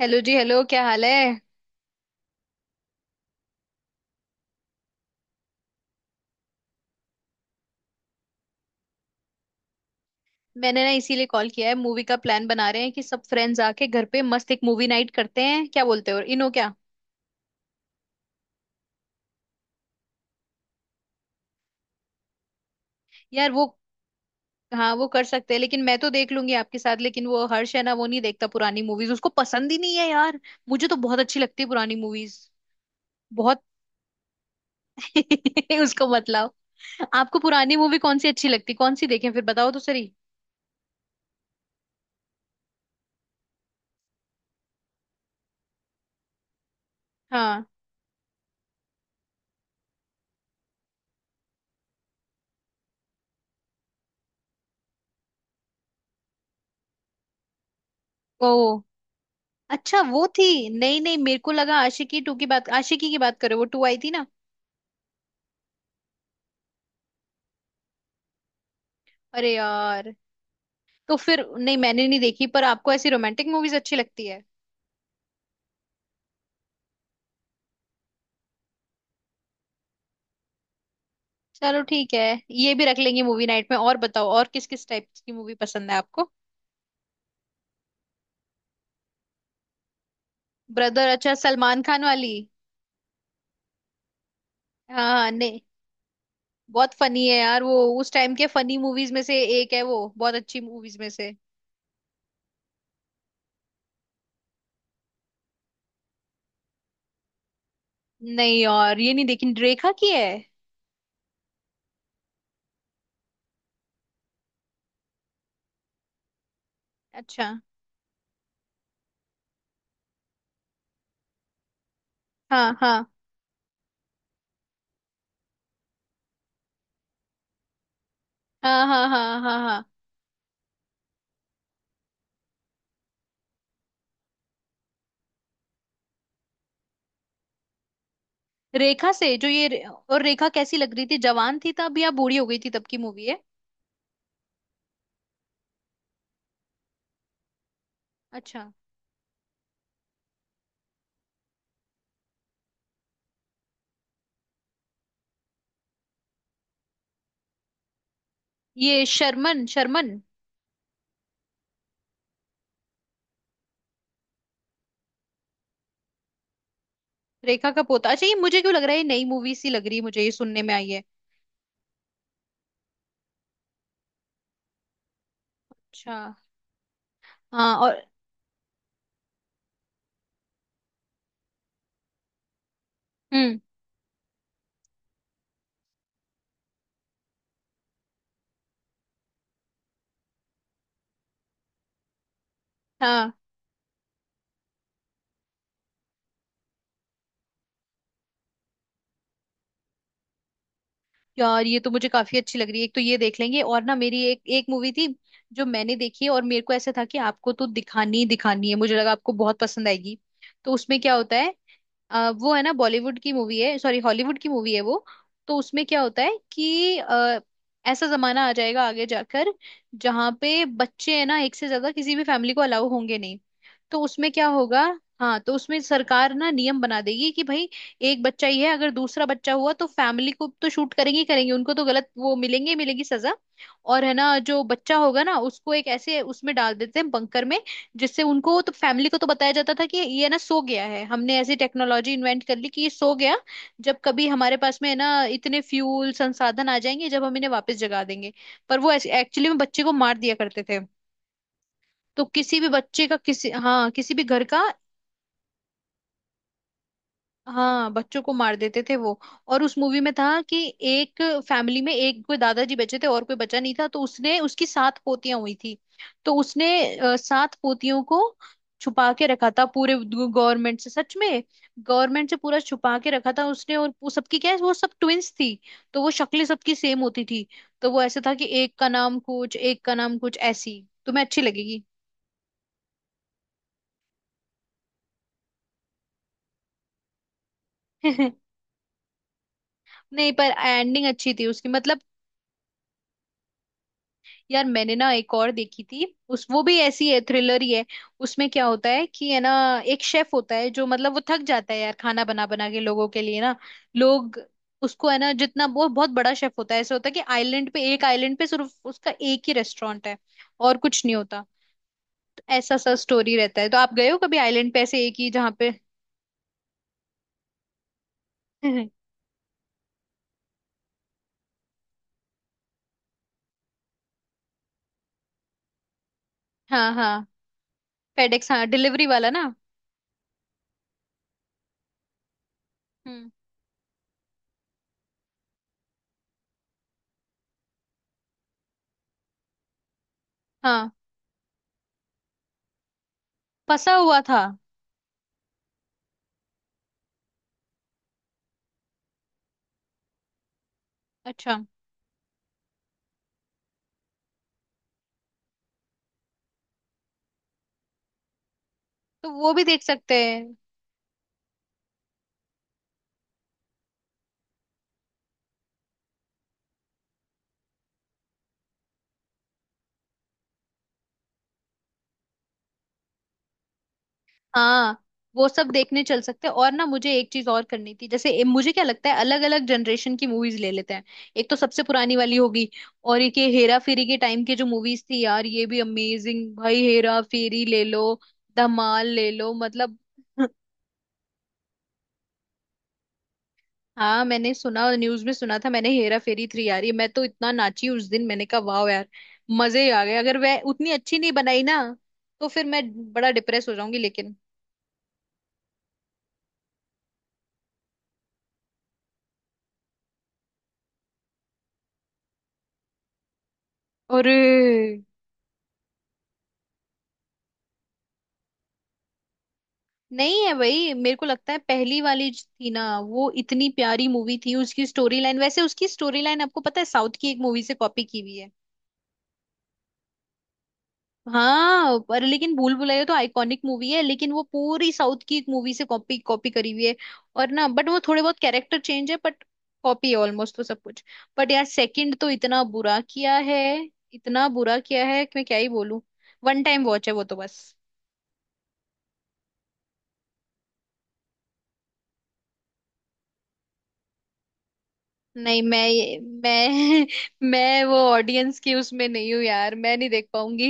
Hello जी। Hello, क्या हाल है। मैंने ना इसीलिए कॉल किया है, मूवी का प्लान बना रहे हैं कि सब फ्रेंड्स आके घर पे मस्त एक मूवी नाइट करते हैं। क्या बोलते हो? और इनो क्या? यार वो हाँ, वो कर सकते हैं, लेकिन मैं तो देख लूंगी आपके साथ, लेकिन वो हर्ष है ना, वो नहीं देखता पुरानी मूवीज, उसको पसंद ही नहीं है यार। मुझे तो बहुत अच्छी लगती है पुरानी मूवीज। बहुत। उसको मत लाओ। आपको पुरानी मूवी कौन सी अच्छी लगती, कौन सी देखें, फिर बताओ तो सही। हाँ। ओ, अच्छा वो थी। नहीं नहीं, मेरे को लगा आशिकी टू की बात, आशिकी की बात करो, वो टू आई थी ना। अरे यार, तो फिर नहीं, मैंने नहीं देखी। पर आपको ऐसी रोमांटिक मूवीज अच्छी लगती है? चलो ठीक है, ये भी रख लेंगे मूवी नाइट में। और बताओ, और किस किस टाइप की मूवी पसंद है आपको? ब्रदर? अच्छा, सलमान खान वाली। हाँ नहीं, बहुत फनी है यार वो, उस टाइम के फनी मूवीज में से एक है वो, बहुत अच्छी मूवीज में से। नहीं, और ये नहीं देखी, रेखा की है? अच्छा। हाँ हाँ हाँ हाँ हाँ। हाँ हाँ। रेखा से जो ये, और रेखा कैसी लग रही थी, जवान थी तब या बूढ़ी हो गई थी तब की मूवी है? अच्छा। ये शर्मन शर्मन। रेखा का पोता? अच्छा, ये मुझे क्यों लग रहा है ये नई मूवी सी लग रही है, मुझे ये सुनने में आई है। अच्छा। हाँ और? हम्म। हाँ। यार ये तो मुझे काफी अच्छी लग रही है, एक तो ये देख लेंगे। और ना, मेरी एक एक मूवी थी जो मैंने देखी है, और मेरे को ऐसा था कि आपको तो दिखानी ही दिखानी है, मुझे लगा आपको बहुत पसंद आएगी। तो उसमें क्या होता है, वो है ना, बॉलीवुड की मूवी है, सॉरी हॉलीवुड की मूवी है वो। तो उसमें क्या होता है कि ऐसा जमाना आ जाएगा आगे जाकर, जहाँ पे बच्चे है ना, एक से ज्यादा किसी भी फैमिली को अलाउ होंगे नहीं। तो उसमें क्या होगा, हाँ, तो उसमें सरकार ना नियम बना देगी कि भाई, एक बच्चा ही है, अगर दूसरा बच्चा हुआ तो फैमिली को तो शूट करेंगे ही करेंगे, उनको तो गलत वो मिलेंगे ही, मिलेगी सजा। और है ना जो बच्चा होगा ना, उसको एक ऐसे उसमें डाल देते हैं बंकर में, जिससे उनको तो फैमिली को तो बताया जाता था कि ये ना सो गया है, हमने ऐसी टेक्नोलॉजी इन्वेंट कर ली कि ये सो गया, जब कभी हमारे पास में है ना इतने फ्यूल संसाधन आ जाएंगे, जब हम इन्हें वापस जगा देंगे। पर वो एक्चुअली में बच्चे को मार दिया करते थे। तो किसी भी बच्चे का, किसी हाँ, किसी भी घर का। हाँ, बच्चों को मार देते थे वो। और उस मूवी में था कि एक फैमिली में एक कोई दादाजी बचे थे और कोई बचा नहीं था, तो उसने उसकी 7 पोतियां हुई थी, तो उसने 7 पोतियों को छुपा के रखा था पूरे गवर्नमेंट से, सच में। गवर्नमेंट से पूरा छुपा के रखा था उसने, और वो सबकी क्या है, वो सब ट्विंस थी, तो वो शक्लें सबकी सेम होती थी। तो वो ऐसे था कि एक का नाम कुछ, एक का नाम कुछ। ऐसी तुम्हें अच्छी लगेगी। नहीं, पर एंडिंग अच्छी थी उसकी मतलब। यार मैंने ना एक और देखी थी उस, वो भी ऐसी है, थ्रिलर ही है। उसमें क्या होता है कि है ना, एक शेफ होता है, जो मतलब वो थक जाता है यार, खाना बना बना के लोगों के लिए ना। लोग उसको है ना, जितना वो बहुत बड़ा शेफ होता है, ऐसा होता है कि आइलैंड पे, एक आइलैंड पे सिर्फ उसका एक ही रेस्टोरेंट है और कुछ नहीं होता। तो ऐसा सा स्टोरी रहता है। तो आप गए हो कभी आइलैंड पे, ऐसे एक ही जहाँ पे? हाँ हाँ। फेडेक्स, हाँ, डिलीवरी वाला ना। हम्म। हाँ, फंसा हुआ था? अच्छा। तो वो भी देख सकते हैं। हाँ वो सब देखने चल सकते हैं। और ना मुझे एक चीज और करनी थी, जैसे ए- मुझे क्या लगता है, अलग अलग जनरेशन की मूवीज ले लेते हैं, एक तो सबसे पुरानी वाली होगी, और एक ये हेरा फेरी के टाइम की जो मूवीज थी यार, ये भी अमेजिंग भाई, हेरा फेरी ले लो, धमाल ले लो, मतलब। हाँ मैंने सुना, न्यूज में सुना था मैंने, हेरा फेरी 3। यार ये मैं तो इतना नाची उस दिन, मैंने कहा वाह यार, मजे ही आ गए। अगर वह उतनी अच्छी नहीं बनाई ना, तो फिर मैं बड़ा डिप्रेस हो जाऊंगी लेकिन। अरे नहीं है भाई, मेरे को लगता है पहली वाली जो थी ना, वो इतनी प्यारी मूवी थी, उसकी स्टोरी लाइन, वैसे उसकी स्टोरी लाइन आपको पता है साउथ की एक मूवी से कॉपी की हुई है। हाँ, पर लेकिन भूल भुलैया तो आइकॉनिक मूवी है, लेकिन वो पूरी साउथ की एक मूवी से कॉपी कॉपी करी हुई है। और ना, बट वो थोड़े बहुत कैरेक्टर चेंज है, बट कॉपी है ऑलमोस्ट तो सब कुछ। बट यार सेकंड तो इतना बुरा किया है, इतना बुरा किया है कि मैं क्या ही बोलूं, वन टाइम वॉच है वो तो बस। नहीं मैं ये, मैं मैं वो ऑडियंस की उसमें नहीं हूँ यार, मैं नहीं देख पाऊंगी।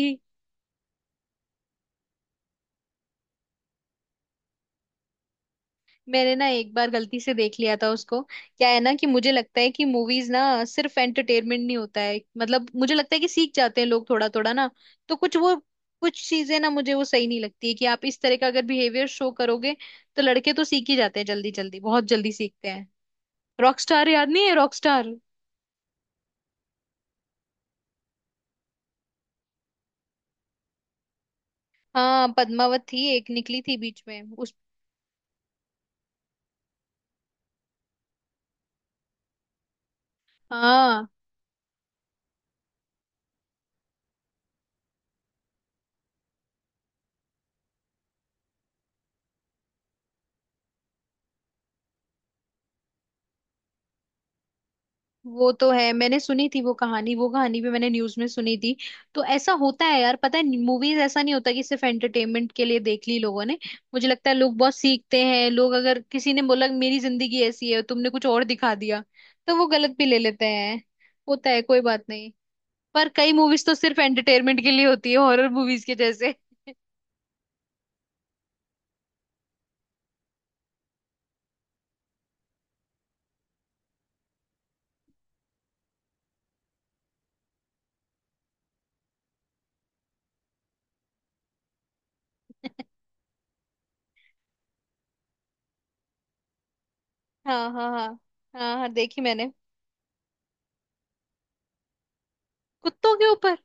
मैंने ना एक बार गलती से देख लिया था उसको। क्या है ना कि मुझे लगता है कि मूवीज ना सिर्फ एंटरटेनमेंट नहीं होता है, मतलब मुझे लगता है कि सीख जाते हैं लोग थोड़ा थोड़ा ना। तो कुछ वो, कुछ चीजें ना मुझे वो सही नहीं लगती है कि आप इस तरह का अगर बिहेवियर शो करोगे, तो लड़के तो सीख ही जाते हैं जल्दी जल्दी, बहुत जल्दी सीखते हैं। रॉकस्टार याद नहीं है, रॉकस्टार। हाँ पद्मावत थी, एक निकली थी बीच में उस। हाँ वो तो है, मैंने सुनी थी वो कहानी, वो कहानी भी मैंने न्यूज में सुनी थी। तो ऐसा होता है यार, पता है मूवीज ऐसा नहीं होता कि सिर्फ एंटरटेनमेंट के लिए देख ली लोगों ने। मुझे लगता है लोग बहुत सीखते हैं, लोग अगर किसी ने बोला मेरी जिंदगी ऐसी है, तुमने कुछ और दिखा दिया, तो वो गलत भी ले लेते हैं। होता है कोई बात नहीं। पर कई मूवीज तो सिर्फ एंटरटेनमेंट के लिए होती है, हॉरर मूवीज के जैसे। हाँ हाँ हाँ हाँ हाँ, देखी मैंने। कुत्तों के ऊपर?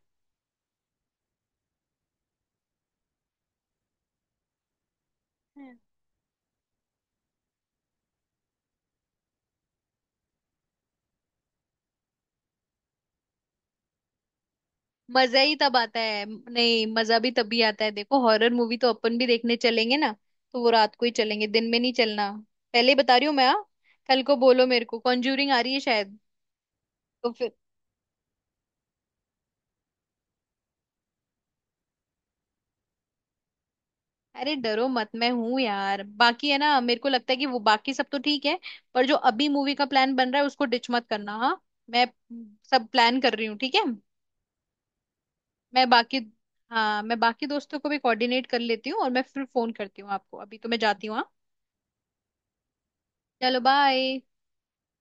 मजा ही तब आता है, नहीं मजा भी तभी आता है, देखो हॉरर मूवी तो अपन भी देखने चलेंगे ना, तो वो रात को ही चलेंगे, दिन में नहीं चलना, पहले ही बता रही हूँ मैं, हाँ। कल को बोलो मेरे को कॉन्ज्यूरिंग आ रही है शायद। तो फिर अरे डरो मत, मैं हूं यार। बाकी है ना, मेरे को लगता है कि वो बाकी सब तो ठीक है, पर जो अभी मूवी का प्लान बन रहा है उसको डिच मत करना हाँ। मैं सब प्लान कर रही हूँ, ठीक है। मैं बाकी, हाँ मैं बाकी दोस्तों को भी कोऑर्डिनेट कर लेती हूँ, और मैं फिर फोन करती हूँ आपको। अभी तो मैं जाती हूँ, हाँ, चलो बाय।